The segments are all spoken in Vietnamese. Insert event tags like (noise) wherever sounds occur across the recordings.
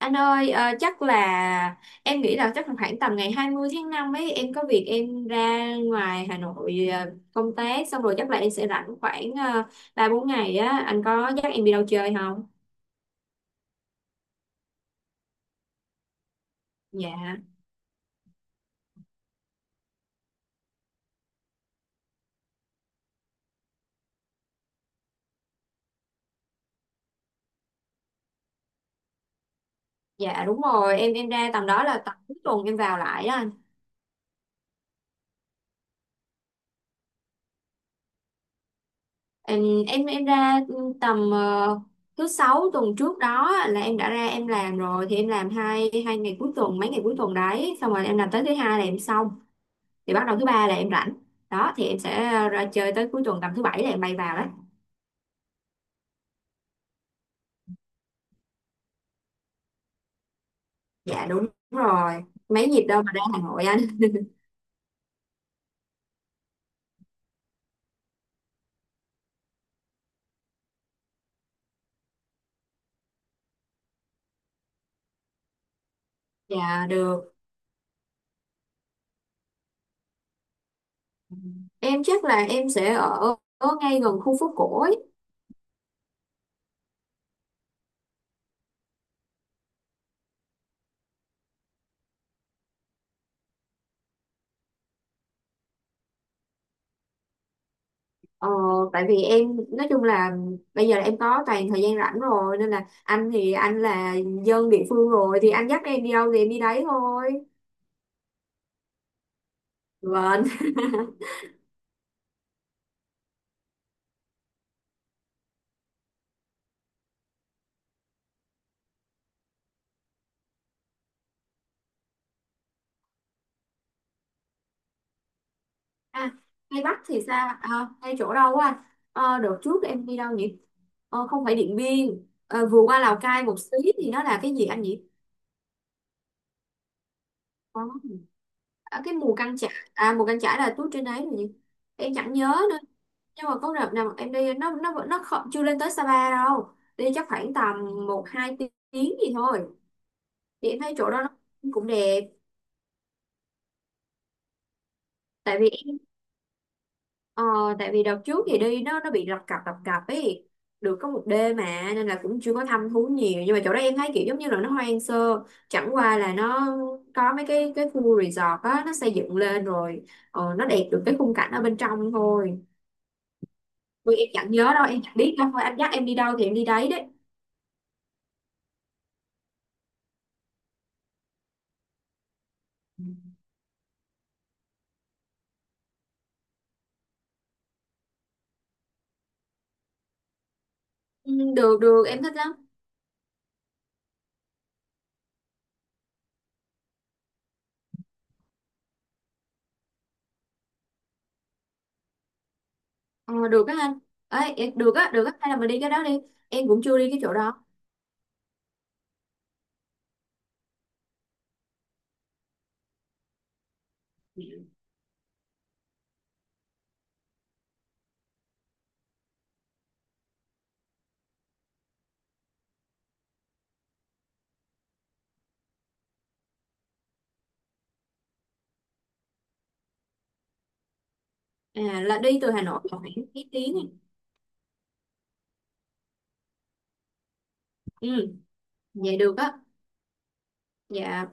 Anh ơi, chắc là khoảng tầm ngày 20 tháng 5 ấy em có việc em ra ngoài Hà Nội, công tác xong rồi chắc là em sẽ rảnh khoảng 3-4 ngày á, anh có dắt em đi đâu chơi không? Dạ, dạ đúng rồi, em ra tầm đó là tầm cuối tuần em vào lại đó anh. Em ra tầm thứ sáu tuần trước đó là em đã ra em làm rồi, thì em làm hai hai ngày cuối tuần, mấy ngày cuối tuần đấy xong rồi em làm tới thứ hai là em xong, thì bắt đầu thứ ba là em rảnh đó, thì em sẽ ra chơi tới cuối tuần tầm thứ bảy là em bay vào đấy. Dạ đúng rồi, mấy nhịp đâu mà ra Hà Nội anh. Dạ được, em chắc là em sẽ ở ngay gần khu phố cổ ấy. ờ, Tại vì em nói chung là bây giờ là em có toàn thời gian rảnh rồi nên là anh thì anh là dân địa phương rồi thì anh dắt em đi đâu thì em đi đấy thôi. Vâng. (laughs) À, hay Bắc thì sao? À, hay chỗ đâu á anh? Đợt trước em đi đâu nhỉ? Không phải Điện Biên. Ờ, Vừa qua Lào Cai một xí thì nó là cái gì anh nhỉ? Ờ, Ở cái Mù Căng Chải? À, Mù Căng Chải là tuốt trên đấy rồi nhỉ, em chẳng nhớ nữa. Nhưng mà có đợt nào em đi, nó không, chưa lên tới Sapa đâu. Đi chắc khoảng tầm 1-2 tiếng gì thôi, thì em thấy chỗ đó nó cũng đẹp. Tại vì Ờ, đợt trước thì đi nó bị lập cập ấy, được có một đêm mà nên là cũng chưa có thăm thú nhiều. Nhưng mà chỗ đó em thấy kiểu giống như là nó hoang sơ, chẳng qua là nó có mấy cái khu resort á nó xây dựng lên rồi, nó đẹp được cái khung cảnh ở bên trong thôi. Ui, em chẳng nhớ đâu, em chẳng biết đâu, thôi anh dắt em đi đâu thì em đi đấy đấy. Ừ, được được em thích lắm. Ờ, Được á anh. Được á được á, hay là mình đi cái đó đi. Em cũng chưa đi cái chỗ đó. À, là đi từ Hà Nội khoảng mấy tiếng à? Ừ, vậy được á. Dạ.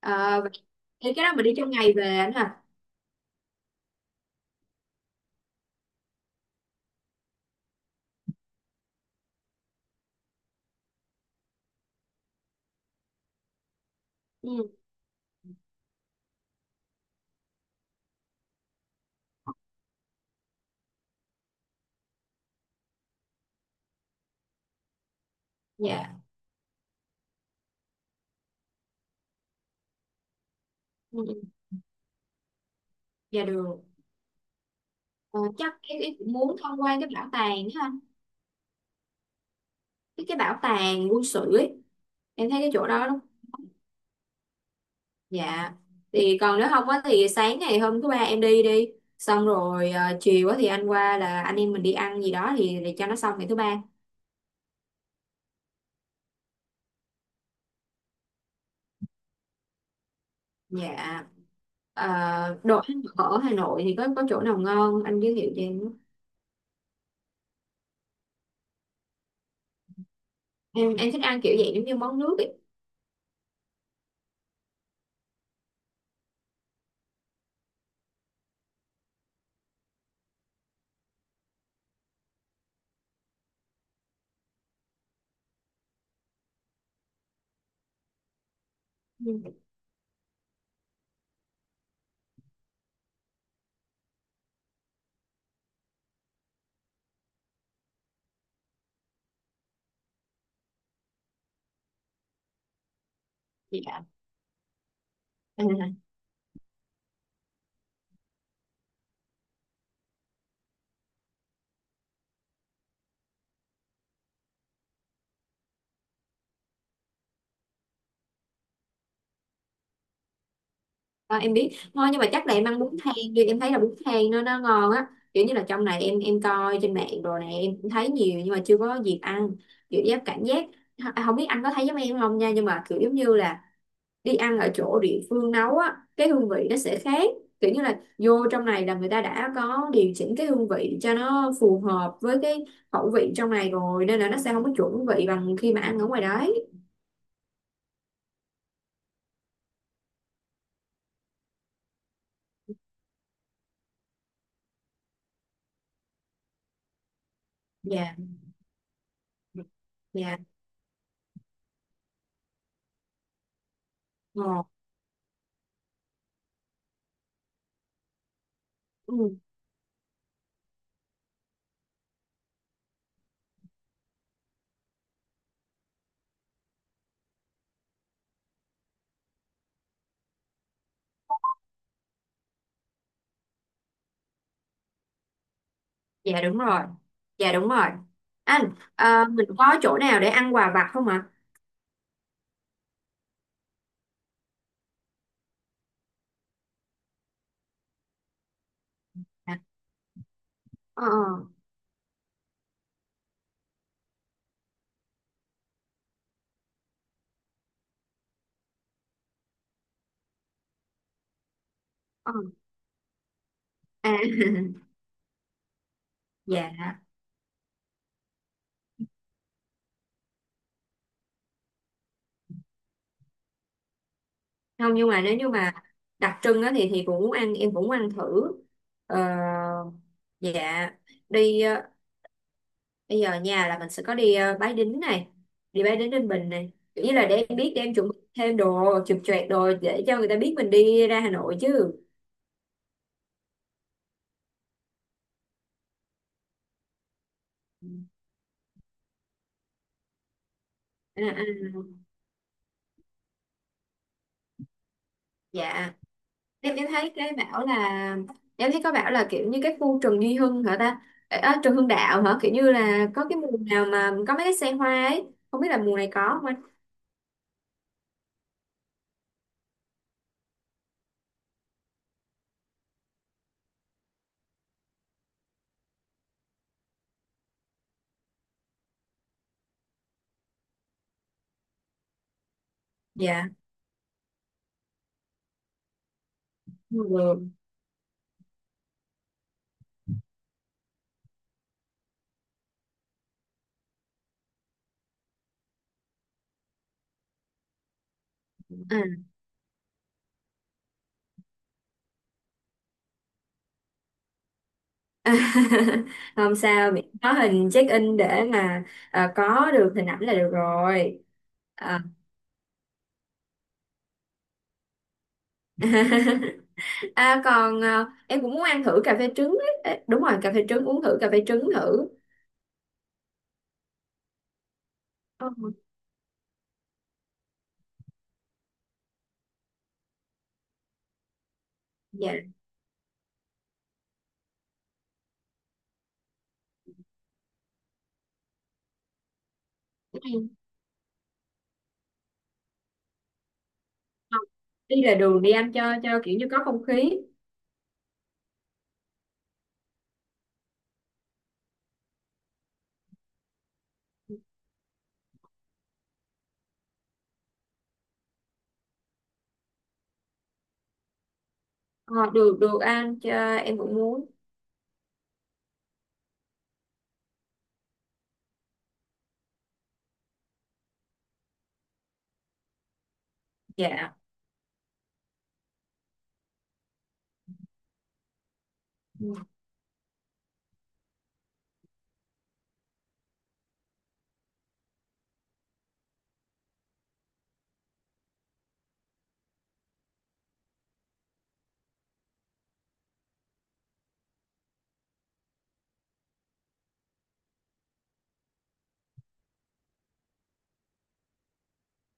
Ờ, Vậy thì cái đó mình đi trong ngày về anh hả? Ừ. Dạ. Ừ. Ừ. Dạ được. Ờ, Chắc em cũng muốn tham quan cái bảo tàng đó anh, cái bảo tàng quân sự ấy, em thấy cái chỗ đó đúng. Dạ. Thì còn nếu không á thì sáng ngày hôm thứ ba em đi đi xong rồi, chiều á thì anh qua là anh em mình đi ăn gì đó thì để cho nó xong ngày thứ ba. Dạ. Ờ, Đồ ăn ở Hà Nội thì có chỗ nào ngon anh giới thiệu cho em không? Em thích ăn kiểu vậy giống như món nước ấy. Ừ. Dạ. À, à, em biết ngon, nhưng mà chắc là em ăn bún thang đi, em thấy là bún thang nó ngon á. Kiểu như là trong này em coi trên mạng đồ này em cũng thấy nhiều nhưng mà chưa có dịp ăn. Kiểu cảm giác. À, không biết anh có thấy giống em không nha, nhưng mà kiểu giống như là đi ăn ở chỗ địa phương nấu á cái hương vị nó sẽ khác. Kiểu như là vô trong này là người ta đã có điều chỉnh cái hương vị cho nó phù hợp với cái khẩu vị trong này rồi nên là nó sẽ không có chuẩn vị bằng khi mà ăn ở ngoài đấy. Dạ. Dạ ngon. Dạ đúng rồi. Dạ đúng rồi anh. Ờ, mình có chỗ nào để ăn quà vặt không ạ? À? Ờ. Ờ. À. (laughs) Dạ không, nhưng mà nếu như mà đặc trưng á thì cũng muốn ăn em cũng muốn ăn thử. ờ, dạ. Đi, bây giờ nhà là mình sẽ có đi, Bái Đính này, đi Bái Đính Ninh Bình này, kiểu như là để em biết để em chuẩn bị thêm đồ chụp choẹt đồ để cho người ta biết mình đi ra Hà Nội chứ. À, à, dạ. Em em thấy cái bảo là em thấy có bảo là kiểu như cái khu Trần Duy Hưng hả ta? À, Trần Hưng Đạo hả, kiểu như là có cái mùa nào mà có mấy cái xe hoa ấy, không biết là mùa này có không anh? Dạ. Ừ. À. (laughs) Không sao, miễn có hình check in để mà có được hình ảnh là được rồi. Ờ. (laughs) À còn em cũng muốn ăn thử cà phê trứng ấy. Ê, đúng rồi, cà phê trứng, uống thử cà phê trứng thử. Ừ. Dạ không. Đi là đường đi anh cho, kiểu như có không khí. Ờ, được được anh cho, em cũng muốn. Dạ. Ừ.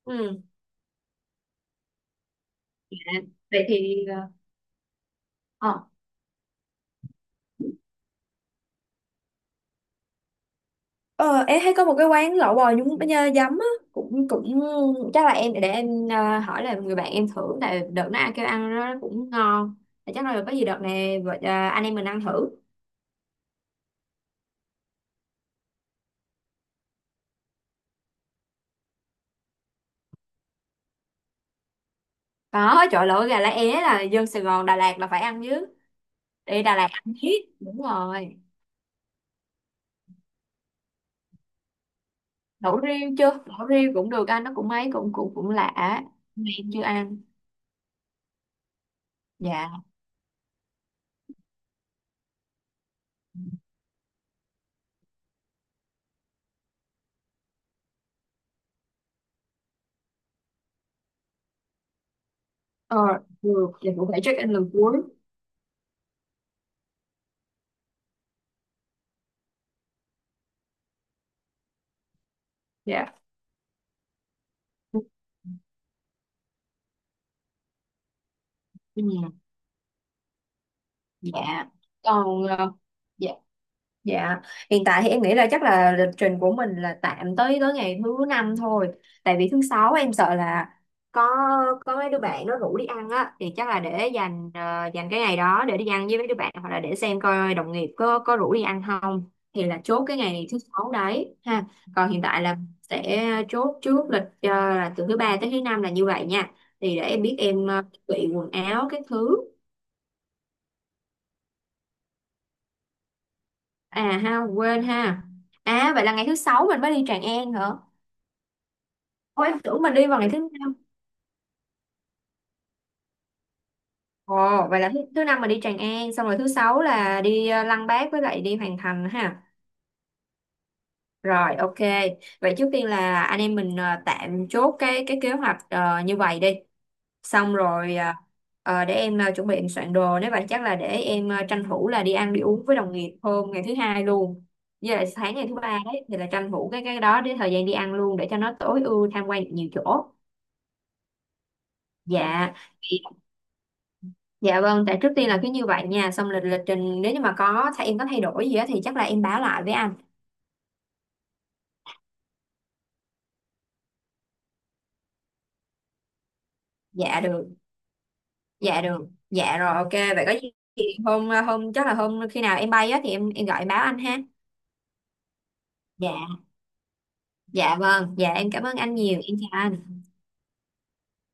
Ừ. Dạ. Vậy thì ờ Ờ, em thấy có một cái quán lẩu bò nhúng nhá, giấm á, cũng cũng chắc là em để em hỏi là người bạn em thử, tại đợt nó ai kêu ăn nó cũng ngon. Thì chắc là có gì đợt này anh em mình ăn thử. Có chỗ lẩu gà lá é là dân Sài Gòn Đà Lạt là phải ăn chứ, đi Đà Lạt ăn biết đúng rồi. Lẩu riêu chưa? Lẩu riêu cũng được anh, nó cũng mấy cũng cũng cũng lạ. Em chưa ăn. Dạ. Ờ, được. Dạ cũng phải check in lần cuối. Dạ. Ừ, dạ. Còn, dạ. Dạ, hiện tại thì em nghĩ là chắc là lịch trình của mình là tạm tới tới ngày thứ năm thôi. Tại vì thứ sáu em sợ là có có mấy đứa bạn nó rủ đi ăn á thì chắc là để dành, dành cái ngày đó để đi ăn với mấy đứa bạn, hoặc là để xem coi đồng nghiệp có rủ đi ăn không, thì là chốt cái ngày thứ sáu đấy ha. Còn hiện tại là sẽ chốt trước lịch, là từ thứ ba tới thứ năm là như vậy nha. Thì để em biết em chuẩn bị quần áo các thứ. À ha, quên ha. À vậy là ngày thứ sáu mình mới đi Tràng An hả? Ôi em tưởng mình đi vào ngày thứ năm. Ồ, vậy là thứ năm mình đi Tràng An, xong rồi thứ sáu là đi Lăng Bác với lại đi Hoàng Thành ha. Rồi, ok. Vậy trước tiên là anh em mình tạm chốt cái kế hoạch như vậy đi. Xong rồi để em chuẩn bị em soạn đồ, nếu vậy chắc là để em tranh thủ là đi ăn đi uống với đồng nghiệp hôm ngày thứ hai luôn. Với lại sáng ngày thứ ba đấy thì là tranh thủ cái đó để thời gian đi ăn luôn để cho nó tối ưu tham quan được nhiều chỗ. Dạ. Dạ vâng, tại trước tiên là cứ như vậy nha, xong lịch lịch trình nếu như mà có thay em có thay đổi gì á thì chắc là em báo lại với anh. Dạ được, dạ được, dạ rồi ok, vậy có gì thì hôm hôm chắc là hôm khi nào em bay á thì em gọi em báo anh ha. Dạ, dạ vâng, dạ em cảm ơn anh nhiều, em chào anh.